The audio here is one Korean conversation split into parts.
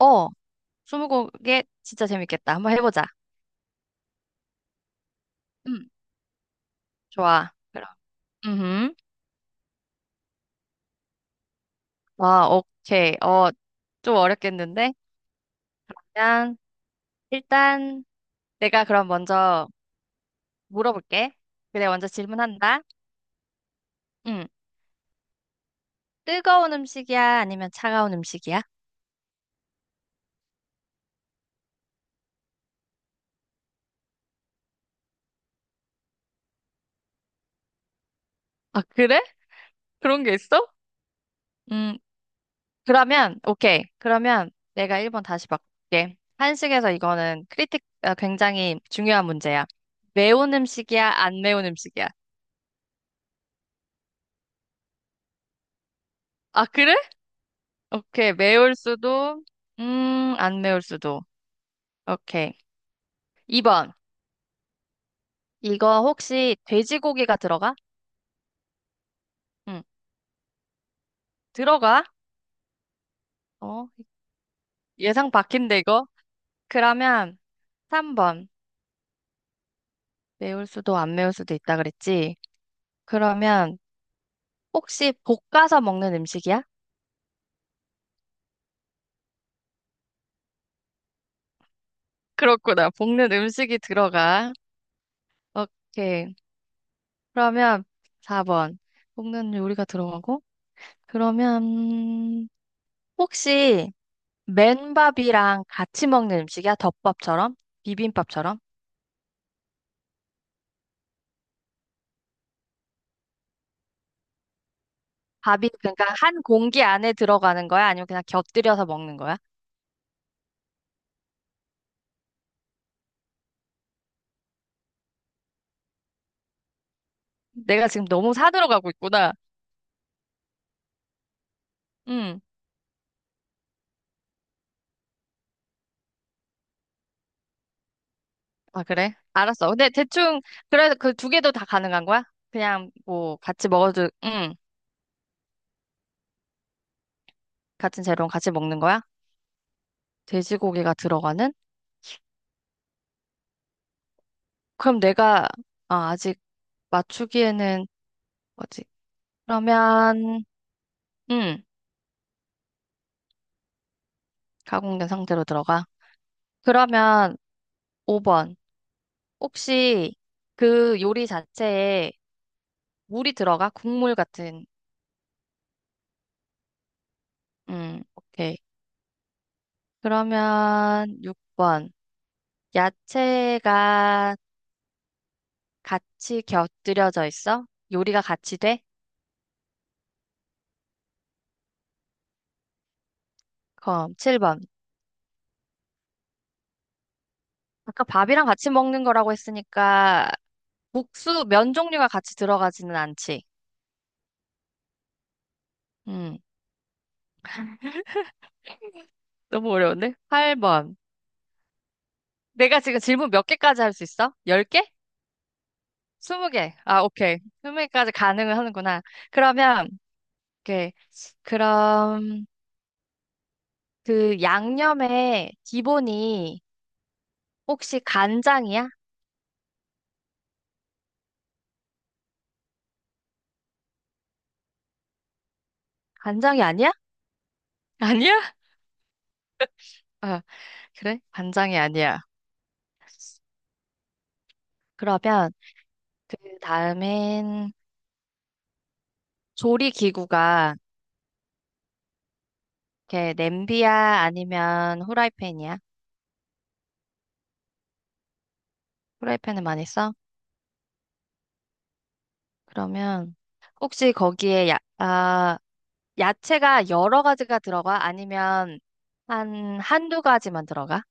어, 스무고개 진짜 재밌겠다. 한번 해보자. 음, 좋아. 그럼. 음, 아, 오케이. 어, 좀 어렵겠는데? 그러면 일단 내가 그럼 먼저 물어볼게. 그래, 먼저 질문한다. 음, 뜨거운 음식이야? 아니면 차가운 음식이야? 아, 그래? 그런 게 있어? 음, 그러면, 오케이. 그러면 내가 1번 다시 바꿀게. 한식에서 이거는 크리틱, 아, 굉장히 중요한 문제야. 매운 음식이야? 안 매운 음식이야? 아, 그래? 오케이. 매울 수도, 안 매울 수도. 오케이. 2번. 이거 혹시 돼지고기가 들어가? 응, 들어가. 어, 예상 바뀐데, 이거? 그러면 3번. 매울 수도, 안 매울 수도 있다 그랬지? 그러면 혹시 볶아서 먹는 음식이야? 그렇구나. 볶는 음식이 들어가. 오케이. 그러면 4번. 볶는 요리가 들어가고? 그러면, 음, 혹시 맨밥이랑 같이 먹는 음식이야? 덮밥처럼? 비빔밥처럼? 밥이 그러니까 한 공기 안에 들어가는 거야? 아니면 그냥 곁들여서 먹는 거야? 내가 지금 너무 사들어 가고 있구나. 응. 아, 그래? 알았어. 근데 대충 그래서 그 2개도 다 가능한 거야? 그냥 뭐 같이 먹어도 응. 같은 재료랑 같이 먹는 거야? 돼지고기가 들어가는? 그럼 내가 아, 아직 맞추기에는 뭐지? 그러면 응. 가공된 상태로 들어가. 그러면 5번. 혹시 그 요리 자체에 물이 들어가? 국물 같은. 오케이. 그러면 6번. 야채가 같이 곁들여져 있어? 요리가 같이 돼? 그럼 7번. 아까 밥이랑 같이 먹는 거라고 했으니까 국수, 면 종류가 같이 들어가지는 않지. 음, 너무 어려운데? 8번. 내가 지금 질문 몇 개까지 할 수 있어? 10개? 20개? 아, 오케이. 20개까지 가능을 하는구나. 그러면, 오케이. 그럼 그 양념의 기본이 혹시 간장이야? 간장이 아니야? 아니야? 아, 그래? 간장이 아니야. 그러면 그 다음엔 조리 기구가 이렇게 냄비야 아니면 후라이팬이야? 후라이팬을 많이 써? 그러면 혹시 거기에 야채가 여러 가지가 들어가? 아니면 한두 가지만 들어가?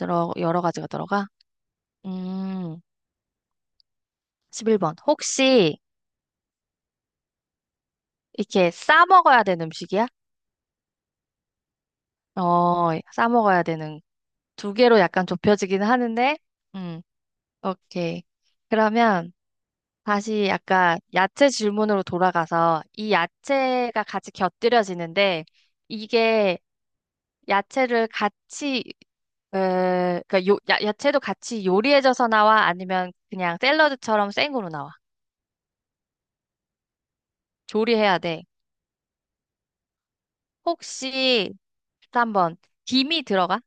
여러 가지가 들어가? 음, 11번. 혹시 이렇게 싸 먹어야 되는 음식이야? 어, 싸 먹어야 되는. 2개로 약간 좁혀지긴 하는데, 음, 오케이. 그러면 다시 약간 야채 질문으로 돌아가서 이 야채가 같이 곁들여지는데 이게 야채를 같이, 그러니까 야채도 같이 요리해져서 나와? 아니면 그냥 샐러드처럼 생으로 나와? 조리해야 돼. 혹시 한번 김이 들어가?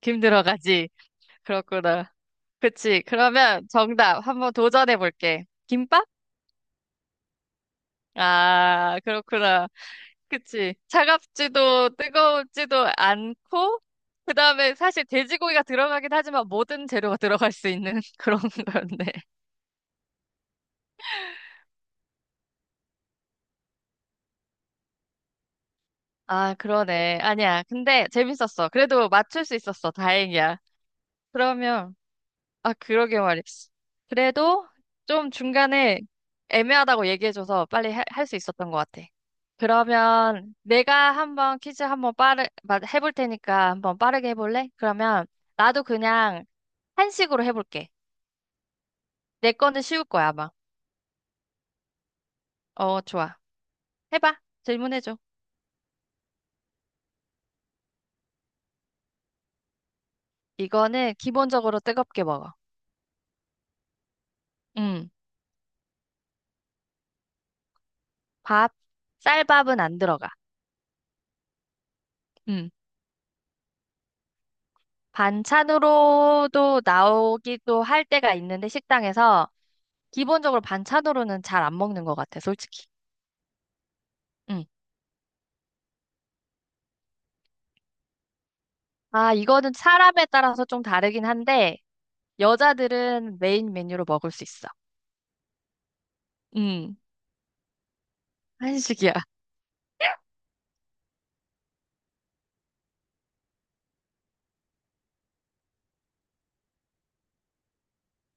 김 들어가지. 그렇구나. 그치. 그러면 정답 한번 도전해 볼게. 김밥? 아, 그렇구나. 그치. 차갑지도 뜨거운지도 않고, 그 다음에 사실 돼지고기가 들어가긴 하지만 모든 재료가 들어갈 수 있는 그런 거였네. 아, 그러네. 아니야. 근데 재밌었어. 그래도 맞출 수 있었어. 다행이야. 그러면 아, 그러게 말이지. 그래도 좀 중간에 애매하다고 얘기해줘서 빨리 할 수 있었던 것 같아. 그러면 내가 한번 퀴즈 한번 해볼 테니까 한번 빠르게 해볼래? 그러면 나도 그냥 한식으로 해볼게. 내 거는 쉬울 거야, 아마. 어, 좋아. 해봐. 질문해줘. 이거는 기본적으로 뜨겁게 먹어. 음 밥, 쌀밥은 안 들어가. 음 반찬으로도 나오기도 할 때가 있는데, 식당에서. 기본적으로 반찬으로는 잘 안 먹는 것 같아, 솔직히. 응. 아, 이거는 사람에 따라서 좀 다르긴 한데, 여자들은 메인 메뉴로 먹을 수 있어. 음, 한식이야.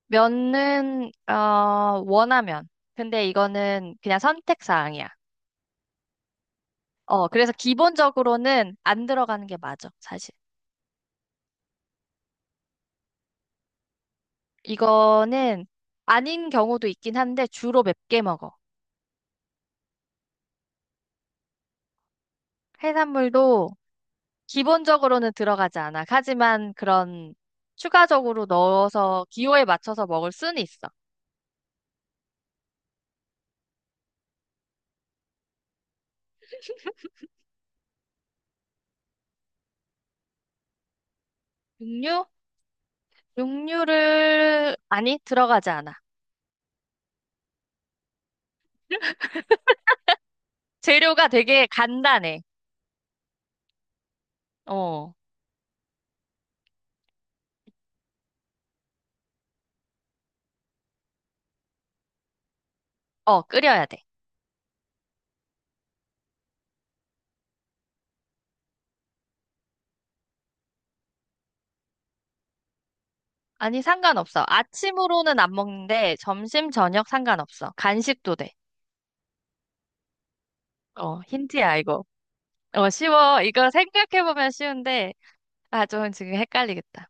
면은, 어, 원하면. 근데 이거는 그냥 선택사항이야. 어, 그래서 기본적으로는 안 들어가는 게 맞아, 사실. 이거는 아닌 경우도 있긴 한데, 주로 맵게 먹어. 해산물도 기본적으로는 들어가지 않아. 하지만 그런 추가적으로 넣어서 기호에 맞춰서 먹을 수는 있어. 육류? 육류를, 아니, 들어가지 않아. 재료가 되게 간단해. 어, 어, 끓여야 돼. 아니, 상관없어. 아침으로는 안 먹는데, 점심, 저녁 상관없어. 간식도 돼. 어, 힌트야, 이거. 어, 쉬워. 이거 생각해보면 쉬운데, 아, 좀 지금 헷갈리겠다.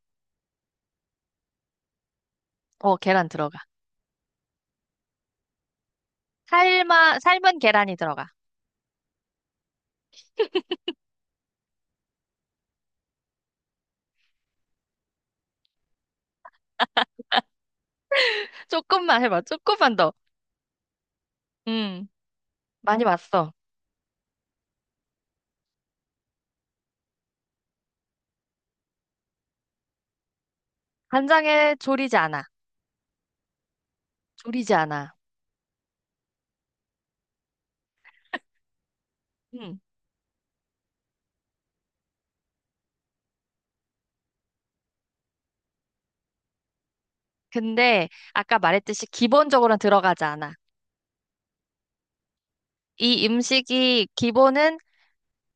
어, 계란 들어가. 삶은 계란이 들어가. 조금만 해봐. 조금만 더. 음, 많이 봤어. 간장에 졸이지 않아. 졸이지 않아. 음. 근데 아까 말했듯이 기본적으로는 들어가지 않아. 이 음식이 기본은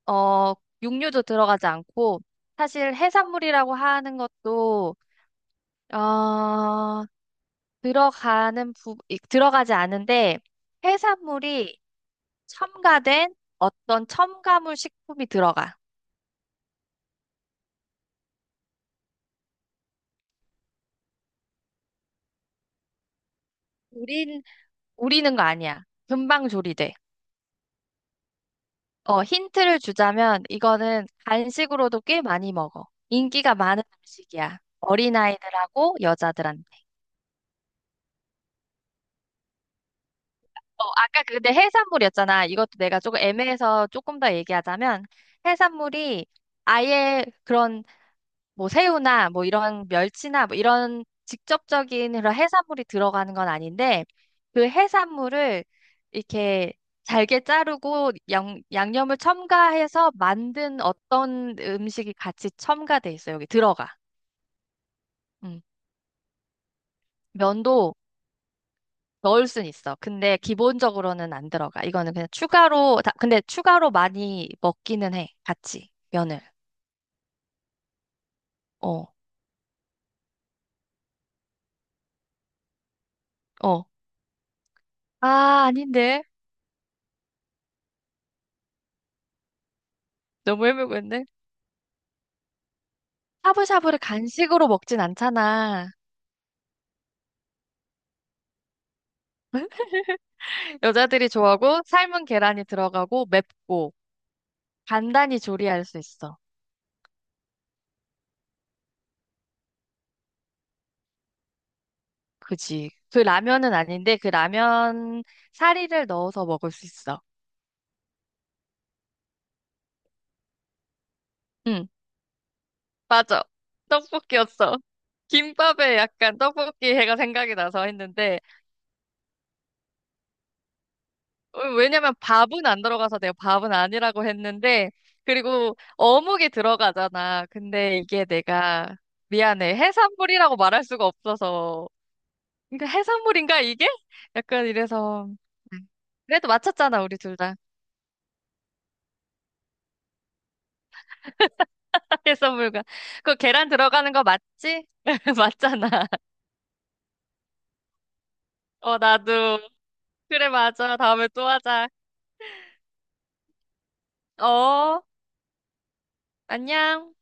어 육류도 들어가지 않고 사실 해산물이라고 하는 것도 어 들어가는 들어가지 않은데 해산물이 첨가된 어떤 첨가물 식품이 들어가. 우린 우리는 거 아니야. 금방 조리돼. 어, 힌트를 주자면 이거는 간식으로도 꽤 많이 먹어. 인기가 많은 음식이야. 어린아이들하고 여자들한테. 어, 아까 근데 해산물이었잖아. 이것도 내가 조금 애매해서 조금 더 얘기하자면 해산물이 아예 그런 뭐 새우나 뭐 이런 멸치나 뭐 이런 직접적인 그런 해산물이 들어가는 건 아닌데 그 해산물을 이렇게 잘게 자르고 양념을 첨가해서 만든 어떤 음식이 같이 첨가돼 있어. 여기 들어가. 음. 면도 넣을 순 있어. 근데 기본적으로는 안 들어가. 이거는 그냥 추가로 근데 추가로 많이 먹기는 해. 같이 면을. 어. 어. 아, 아닌데. 너무 헤매고 있네. 샤브샤브를 간식으로 먹진 않잖아. 여자들이 좋아하고 삶은 계란이 들어가고 맵고 간단히 조리할 수 있어. 그지. 그 라면은 아닌데 그 라면 사리를 넣어서 먹을 수 있어. 응, 맞아. 떡볶이였어. 김밥에 약간 떡볶이 해가 생각이 나서 했는데 어, 왜냐면 밥은 안 들어가서 내가 밥은 아니라고 했는데 그리고 어묵이 들어가잖아. 근데 이게 내가 미안해. 해산물이라고 말할 수가 없어서 이거 해산물인가 이게? 약간 이래서 네. 그래도 맞췄잖아 우리 둘 다. 해산물과 그 계란 들어가는 거 맞지? 맞잖아. 어 나도 그래 맞아. 다음에 또 하자. 어 안녕.